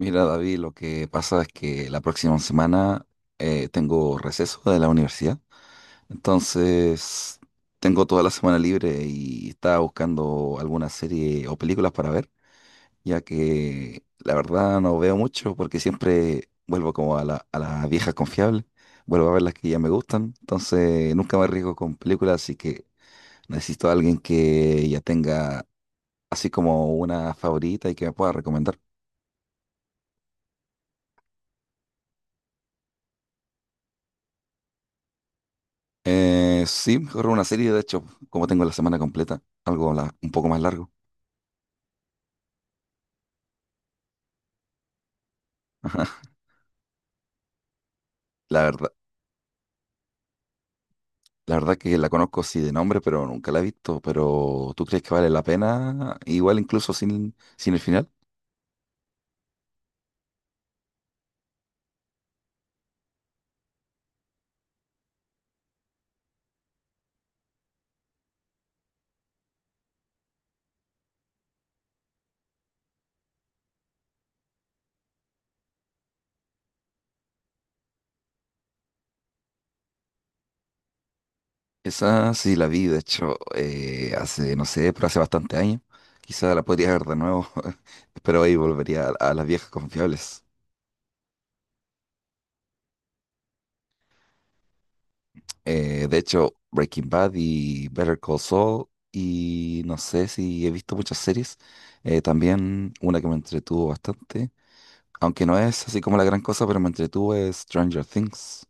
Mira, David, lo que pasa es que la próxima semana tengo receso de la universidad, entonces tengo toda la semana libre y estaba buscando alguna serie o películas para ver, ya que la verdad no veo mucho porque siempre vuelvo como a las viejas confiables, vuelvo a ver las que ya me gustan, entonces nunca me arriesgo con películas, así que necesito a alguien que ya tenga así como una favorita y que me pueda recomendar. Sí, mejor una serie, de hecho, como tengo la semana completa, algo un poco más largo. La verdad, la verdad que la conozco sí de nombre, pero nunca la he visto. Pero ¿tú crees que vale la pena? Igual incluso sin el final. Esa sí la vi, de hecho, hace, no sé, pero hace bastante años. Quizá la podría ver de nuevo, pero ahí volvería a las viejas confiables. De hecho, Breaking Bad y Better Call Saul, y no sé si he visto muchas series, también una que me entretuvo bastante, aunque no es así como la gran cosa, pero me entretuvo es Stranger Things,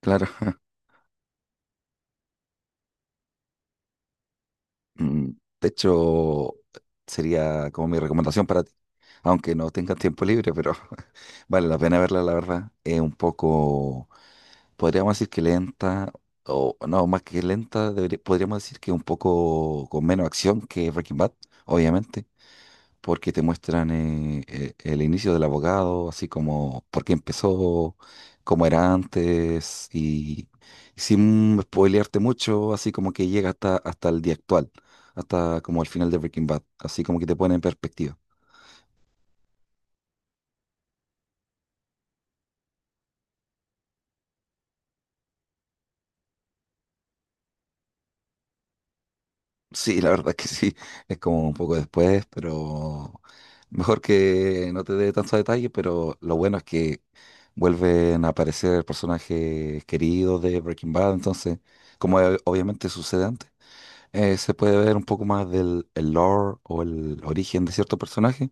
claro. Mm, de hecho, sería como mi recomendación para ti, aunque no tengas tiempo libre, pero vale la pena verla, la verdad. Es un poco, podríamos decir que lenta, o no, más que lenta, podríamos decir que un poco con menos acción que Breaking Bad, obviamente, porque te muestran el inicio del abogado, así como por qué empezó, cómo era antes, y sin spoilearte mucho, así como que llega hasta el día actual, hasta como el final de Breaking Bad, así como que te pone en perspectiva. Sí, la verdad es que sí, es como un poco después, pero mejor que no te dé tantos detalles, pero lo bueno es que vuelven a aparecer personajes queridos de Breaking Bad, entonces, como obviamente sucede antes, se puede ver un poco más del el lore o el origen de cierto personaje,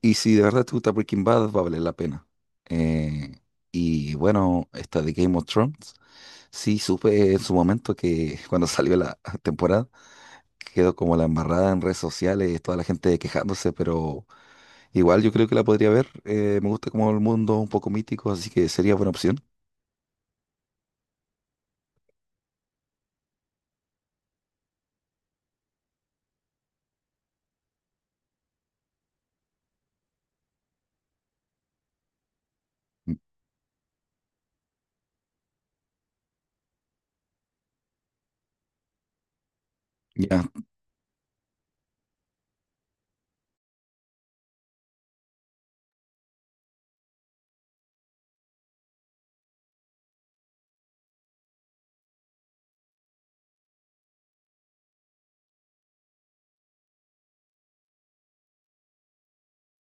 y si de verdad te gusta Breaking Bad, va a valer la pena. Eh, y bueno, esta de Game of Thrones, sí supe en su momento que cuando salió la temporada, quedó como la embarrada en redes sociales, toda la gente quejándose, pero igual yo creo que la podría ver. Me gusta como el mundo un poco mítico, así que sería buena opción. Mm, ya,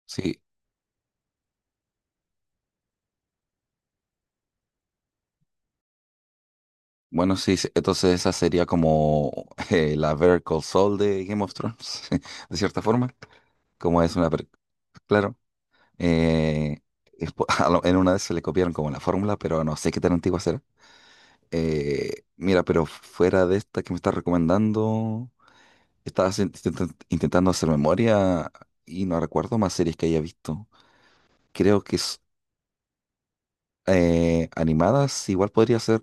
sí. Bueno, sí, sí, entonces esa sería como la Better Call Saul de Game of Thrones, de cierta forma, como es una... Claro. eh, es en una vez se le copiaron como la fórmula, pero no sé qué tan antigua será. Mira, pero fuera de esta que me estás recomendando... Estaba intentando hacer memoria y no recuerdo más series que haya visto. Creo que animadas igual podría ser,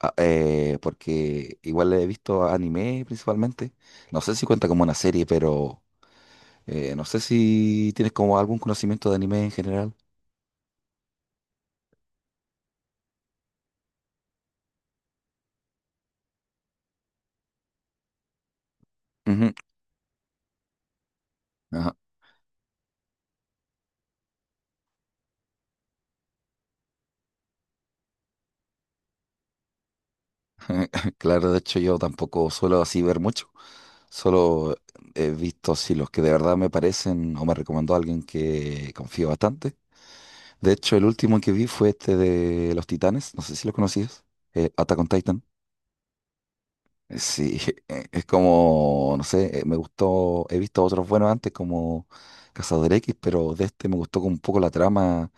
porque igual he visto anime principalmente. No sé si cuenta como una serie, pero no sé si tienes como algún conocimiento de anime en general. Ujú, ajá. Claro, de hecho yo tampoco suelo así ver mucho. Solo he visto así los que de verdad me parecen o me recomendó alguien que confío bastante. De hecho, el último que vi fue este de Los Titanes, no sé si lo conocías, Attack on Titan. Sí, es como, no sé, me gustó, he visto otros buenos antes como Cazador X, pero de este me gustó como un poco la trama.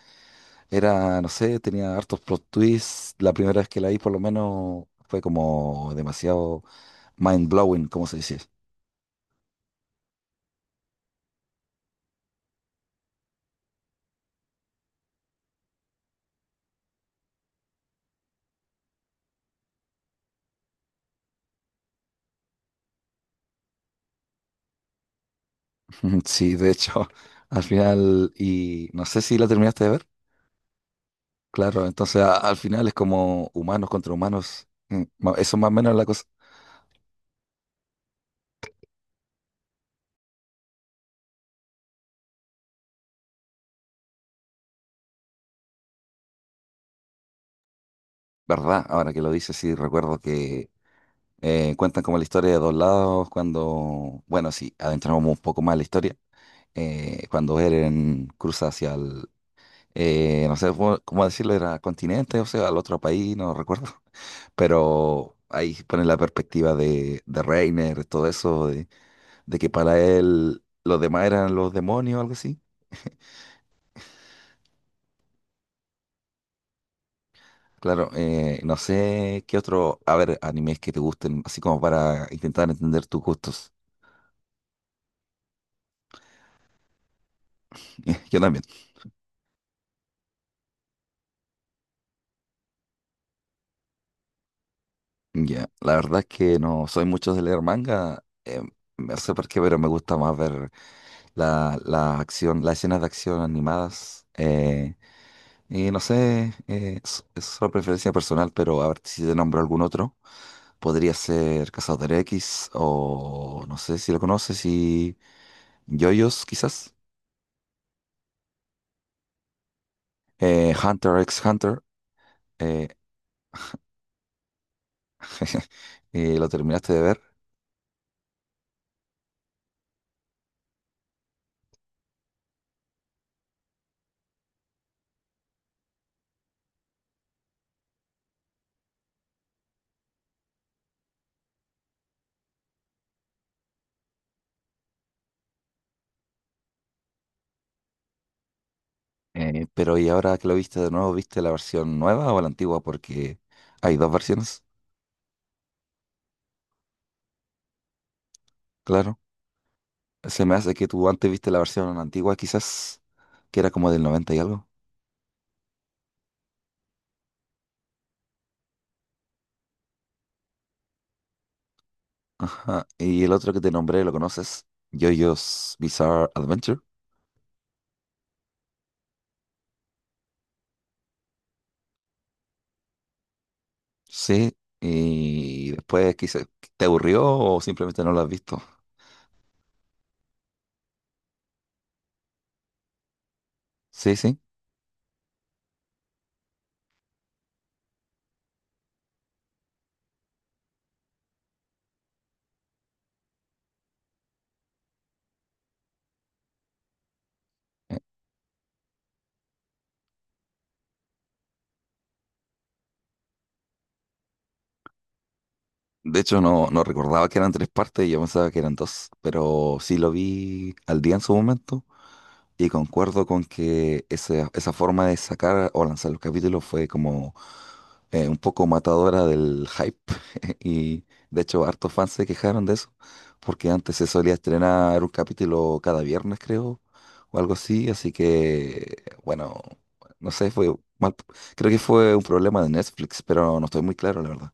Era, no sé, tenía hartos plot twists. La primera vez que la vi por lo menos fue como demasiado mind blowing, como se dice. Sí, de hecho, al final, y no sé si la terminaste de ver. Claro, entonces al final es como humanos contra humanos. Mm, eso más o menos es la cosa. ¿Verdad? Ahora que lo dices, sí, recuerdo que cuentan como la historia de dos lados cuando, bueno, sí, adentramos un poco más en la historia, cuando Eren cruza hacia el, no sé cómo decirlo, era continente, o sea, al otro país, no recuerdo, pero ahí pone la perspectiva de Reiner, todo eso, de que para él los demás eran los demonios o algo así. Claro, no sé qué otro, a ver, animes que te gusten, así como para intentar entender tus gustos. Yo también. Ya, la verdad es que no soy mucho de leer manga, no sé por qué, pero me gusta más ver la acción, las escenas de acción animadas. Y no sé, es solo preferencia personal, pero a ver si te nombro algún otro. Podría ser Cazador X o no sé si lo conoces, y JoJo's quizás. Hunter x Hunter. eh, lo terminaste de ver, pero y ahora que lo viste de nuevo, ¿viste la versión nueva o la antigua? Porque hay dos versiones, claro. Se me hace que tú antes viste la versión antigua, quizás, que era como del 90 y algo. Ajá. Y el otro que te nombré, ¿lo conoces? JoJo's Bizarre Adventure. Sí. Y después quizás te aburrió o simplemente no lo has visto. Sí, sí. Eh, de hecho, no, no recordaba que eran tres partes y yo pensaba que eran dos, pero sí lo vi al día en su momento. Y concuerdo con que esa forma de sacar o lanzar los capítulos fue como un poco matadora del hype. Y de hecho, hartos fans se quejaron de eso, porque antes se solía estrenar un capítulo cada viernes, creo, o algo así. Así que, bueno, no sé, fue mal. Creo que fue un problema de Netflix, pero no estoy muy claro, la verdad.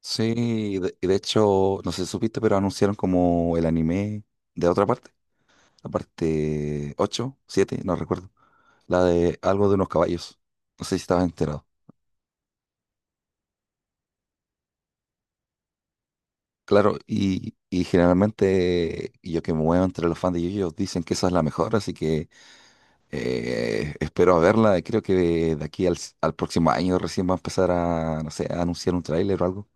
Sí, y de hecho, no sé si supiste, pero anunciaron como el anime de otra parte. La parte 8 7 no recuerdo, la de algo de unos caballos. No sé si estabas enterado. Claro, y generalmente yo que me muevo entre los fans de Yu-Gi-Oh! Dicen que esa es la mejor, así que espero a verla. Creo que de aquí al próximo año recién va a empezar a, no sé, a anunciar un tráiler o algo.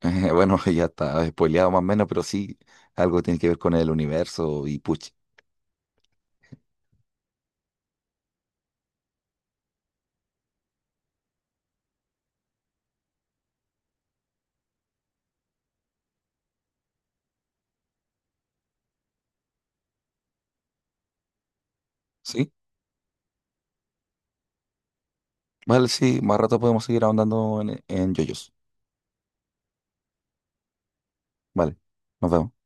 Bueno, ya está spoileado más o menos, pero sí, algo tiene que ver con el universo y puch. ¿Sí? Vale, sí, más rato podemos seguir ahondando en yoyos. Vale, nos vemos.